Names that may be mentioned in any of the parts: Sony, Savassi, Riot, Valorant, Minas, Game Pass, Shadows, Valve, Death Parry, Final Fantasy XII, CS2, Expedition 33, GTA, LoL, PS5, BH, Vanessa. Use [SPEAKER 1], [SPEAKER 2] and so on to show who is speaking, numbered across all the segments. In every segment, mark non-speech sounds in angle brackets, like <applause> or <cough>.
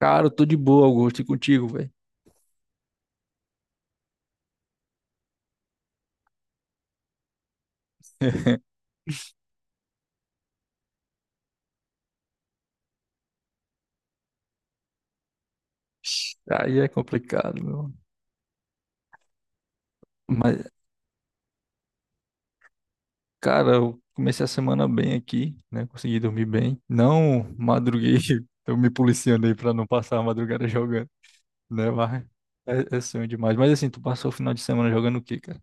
[SPEAKER 1] Cara, eu tô de boa, Augusto, e contigo, velho. <laughs> Aí é complicado, meu. Mas, cara, eu comecei a semana bem aqui, né? Consegui dormir bem. Não madruguei, <laughs> eu me policiando aí pra não passar a madrugada jogando, né? Mas é sonho demais. Mas assim, tu passou o final de semana jogando o quê, cara?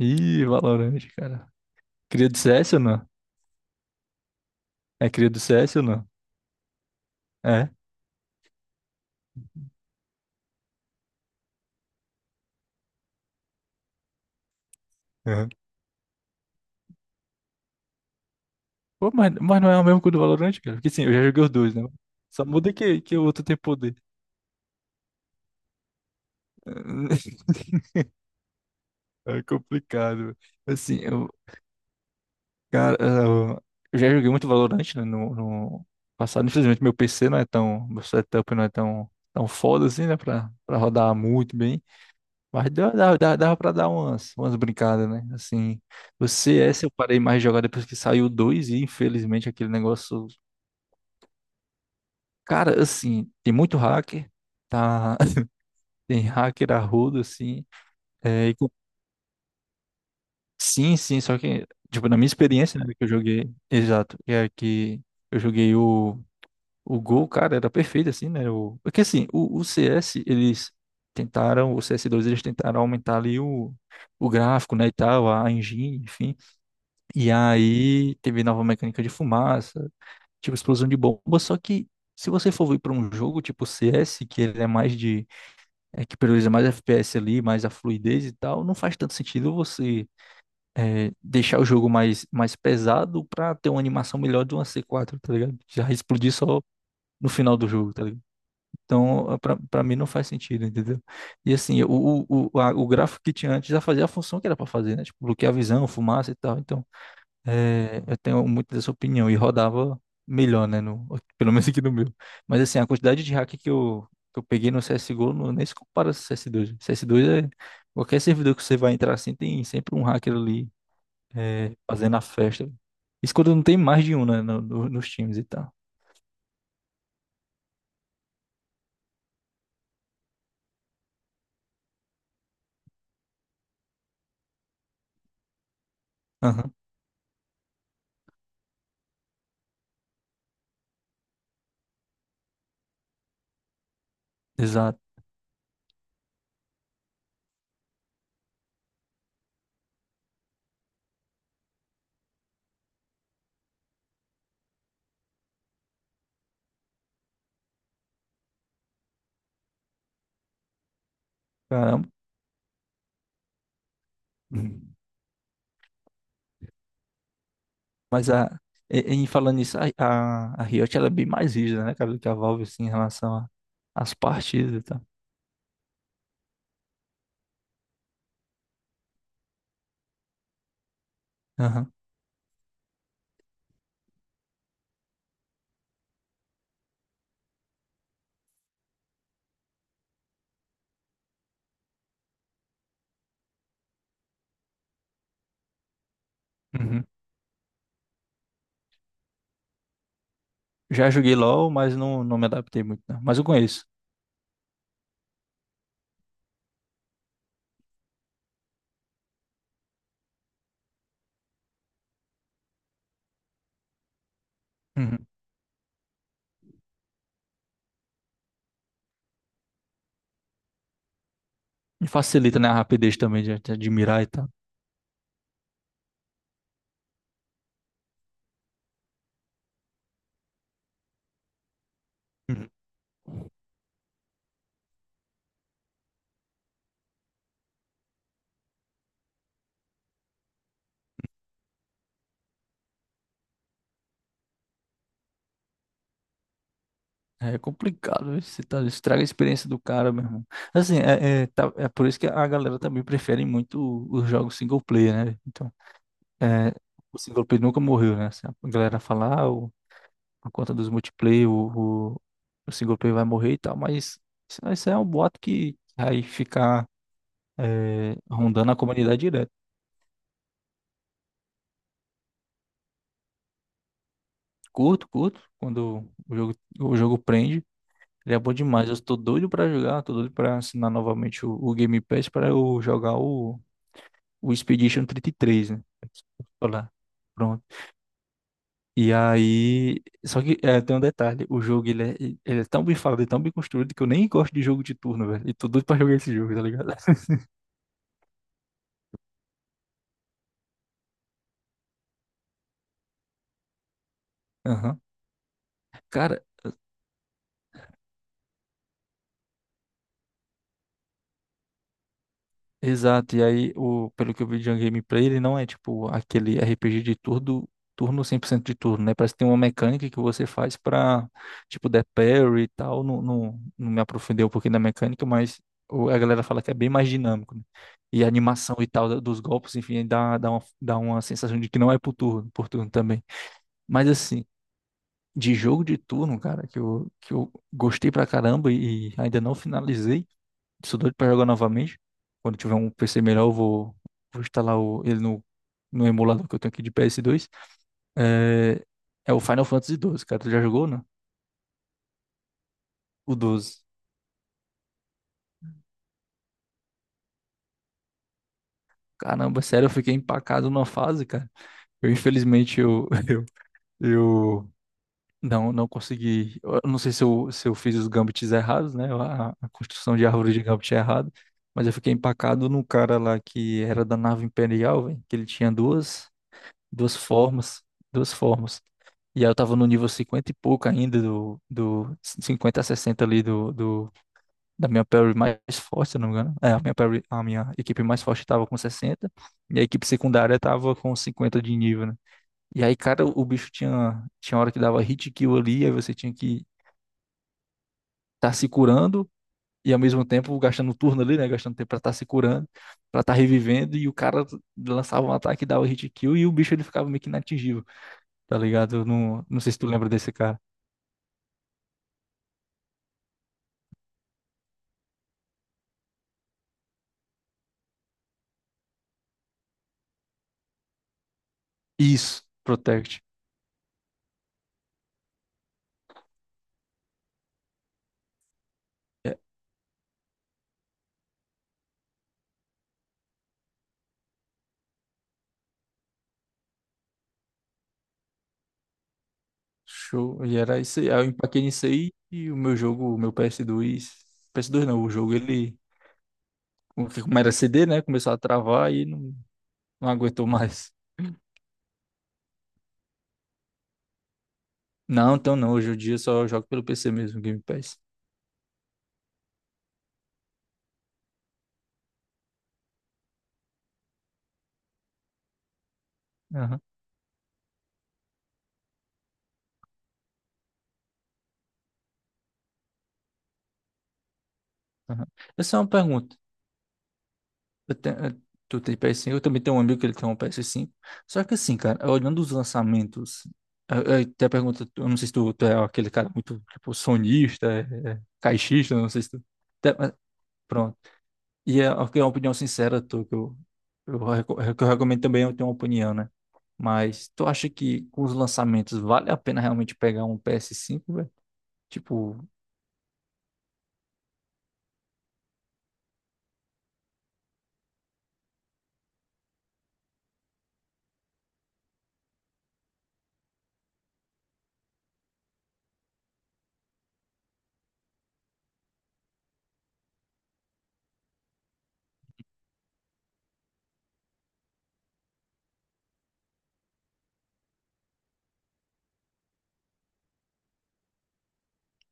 [SPEAKER 1] Ih, Valorant, cara. Cria do CS ou não? É cria do CS ou não? É. Uhum. Pô, mas não é o mesmo que o do Valorant, cara? Porque sim, eu já joguei os dois, né? Só muda que o outro tem poder. <laughs> É complicado. Assim, cara, eu já joguei muito Valorant, né, no passado. Infelizmente, meu PC não é tão, meu setup não é tão foda assim, né, pra rodar muito bem. Mas dava pra dar umas brincadas, né? Assim, o CS eu parei mais de jogar depois que saiu o 2 e, infelizmente, aquele negócio. Cara, assim, tem muito hacker, tá? <laughs> Tem hacker a rodo, assim. Sim, sim, só que, tipo, na minha experiência, né, que eu joguei, exato, é que eu joguei o Gol, cara, era perfeito, assim, né, o, porque, assim, o CS, eles tentaram, o CS2, eles tentaram aumentar ali o, gráfico, né, e tal, a engine, enfim, e aí teve nova mecânica de fumaça, tipo, explosão de bomba, só que se você for vir para um jogo tipo CS, que ele é mais de, é, que prioriza mais FPS ali, mais a fluidez e tal, não faz tanto sentido você deixar o jogo mais pesado pra ter uma animação melhor de uma c quatro, tá ligado? Já explodir só no final do jogo, tá ligado? Então, pra mim não faz sentido, entendeu? E assim, o gráfico que tinha antes já fazia a função que era pra fazer, né? Tipo, bloquear a visão, fumaça e tal. Então, eu tenho muito dessa opinião e rodava melhor, né? No, <laughs> pelo menos aqui no meu. Mas assim, a quantidade de hack que eu peguei no CSGO não, nem se compara ao CS2. CS dois, C S dois, é. Qualquer servidor que você vai entrar assim, tem sempre um hacker ali fazendo a festa. Isso quando não tem mais de um, né, nos times e tal. Aham, exato. Caramba. Uhum. Mas a, em falando nisso, a Riot ela é bem mais rígida, né, cara, do que a Valve, assim, em relação às partidas e tal. Aham. Uhum. Já joguei LoL, mas não me adaptei muito, não. Mas eu conheço. Uhum. E facilita, né, a rapidez também de admirar e tal. Uhum. É complicado, viu? Você estraga a experiência do cara, meu irmão. Assim, é por isso que a galera também prefere muito os jogos single player, né? Então, é, o single player nunca morreu, né? Assim, a galera fala, ah, por conta dos multiplayer, o single player vai morrer e tal, mas isso é um boato que vai ficar rondando a comunidade direto. Curto, curto, quando o jogo prende. Ele é bom demais. Eu tô doido pra jogar, tô doido pra assinar novamente o Game Pass pra eu jogar o Expedition 33, né? Olá. Pronto. E aí, só que tem um detalhe, o jogo ele é tão bem falado e tão bem construído que eu nem gosto de jogo de turno, velho. E tô doido pra jogar esse jogo, tá ligado? <laughs> Aham. Cara, exato, e aí, pelo que eu vi de um gameplay, ele não é tipo aquele RPG de turno, 100% de turno, né? Parece que tem uma mecânica que você faz pra, tipo, Death Parry e tal. Não me aprofundei um pouquinho da mecânica, mas a galera fala que é bem mais dinâmico, né? E a animação e tal dos golpes, enfim, dá uma sensação de que não é por turno também. Mas assim, de jogo de turno, cara, que eu gostei pra caramba e ainda não finalizei. Sou doido pra jogar novamente. Quando tiver um PC melhor, eu vou instalar ele no emulador que eu tenho aqui de PS2. É, é o Final Fantasy XII, cara. Tu já jogou, né? O 12. Caramba, sério, eu fiquei empacado numa fase, cara. Infelizmente, <laughs> eu não consegui. Eu não sei se eu fiz os gambits errados, né? A construção de árvore de gambit é errada. Mas eu fiquei empacado no cara lá que era da nave imperial, velho. Que ele tinha duas formas, duas formas. E aí eu tava no nível 50 e pouco ainda, do 50 a 60 ali da minha parry mais forte, se eu não me engano. É, a minha equipe mais forte tava com 60 e a equipe secundária tava com 50 de nível, né? E aí, cara, o bicho tinha hora que dava hit kill ali, aí você tinha que estar tá se curando, e ao mesmo tempo gastando turno ali, né? Gastando tempo pra estar tá se curando, pra estar tá revivendo, e o cara lançava um ataque, dava hit kill, e o bicho ele ficava meio que inatingível. Tá ligado? Eu não sei se tu lembra desse cara. Isso, Protect. É, show. E era isso aí. Aí eu empaquei nisso aí e o meu jogo, o meu PS2. PS2 não, o jogo ele. Como era CD, né? Começou a travar e não aguentou mais. Não, então não. Hoje em dia eu só jogo pelo PC mesmo, Game Pass. Aham, aham. Essa é uma pergunta. Eu te- eu- tu tem PS5, eu também tenho um amigo que ele tem um PS5. Só que assim, cara, olhando os lançamentos, eu até pergunto, eu não sei se tu é aquele cara muito, tipo, sonista, caixista, eu não sei se tu. Mas, pronto. E é uma opinião sincera, tu, que eu recomendo também eu tenho uma opinião, né? Mas tu acha que com os lançamentos vale a pena realmente pegar um PS5, velho? Tipo,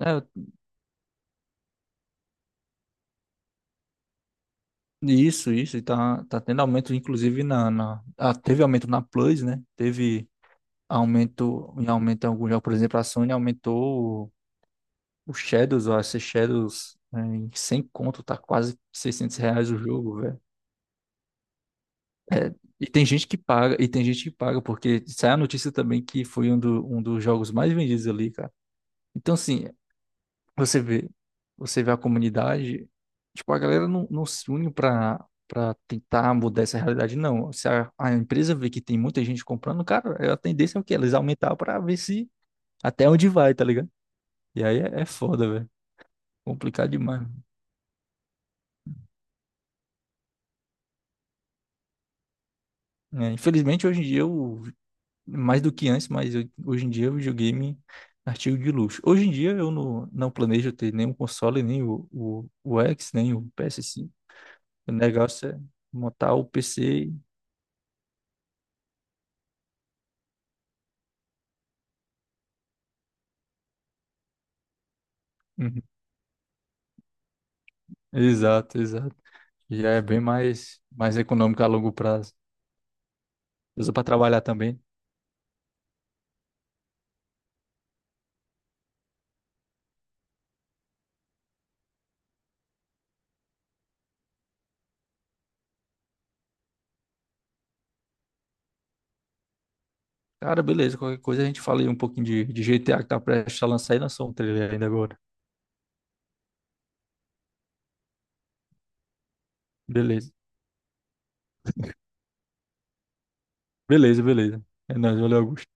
[SPEAKER 1] é, isso, e tá tendo aumento, inclusive na, ah, teve aumento na Plus, né? Teve Aumentou, em aumento em algum jogo, por exemplo, a Sony aumentou o Shadows, ó, esse Shadows, né, em 100 conto, tá quase 600 reais o jogo, velho. E tem gente que paga, e tem gente que paga, porque sai a notícia também que foi um dos jogos mais vendidos ali, cara. Então, assim, você vê, você vê a comunidade, tipo, a galera não se une pra tentar mudar essa realidade, não. Se a empresa vê que tem muita gente comprando, cara, a tendência é o quê? Eles aumentar pra ver se até onde vai, tá ligado? E aí é foda, velho. Complicado demais. Né? Infelizmente, hoje em dia, eu, mais do que antes, hoje em dia, o videogame é artigo de luxo. Hoje em dia, eu não planejo ter nenhum console, nem o X, nem o PS5. O negócio é montar o PC. Uhum. Exato, exato. Já é bem mais econômico a longo prazo. Usa para trabalhar também. Cara, beleza. Qualquer coisa a gente fala aí um pouquinho de GTA que tá prestes a lançar e lançou um trailer ainda agora. Beleza. Beleza, beleza. É nóis, valeu, Augusto.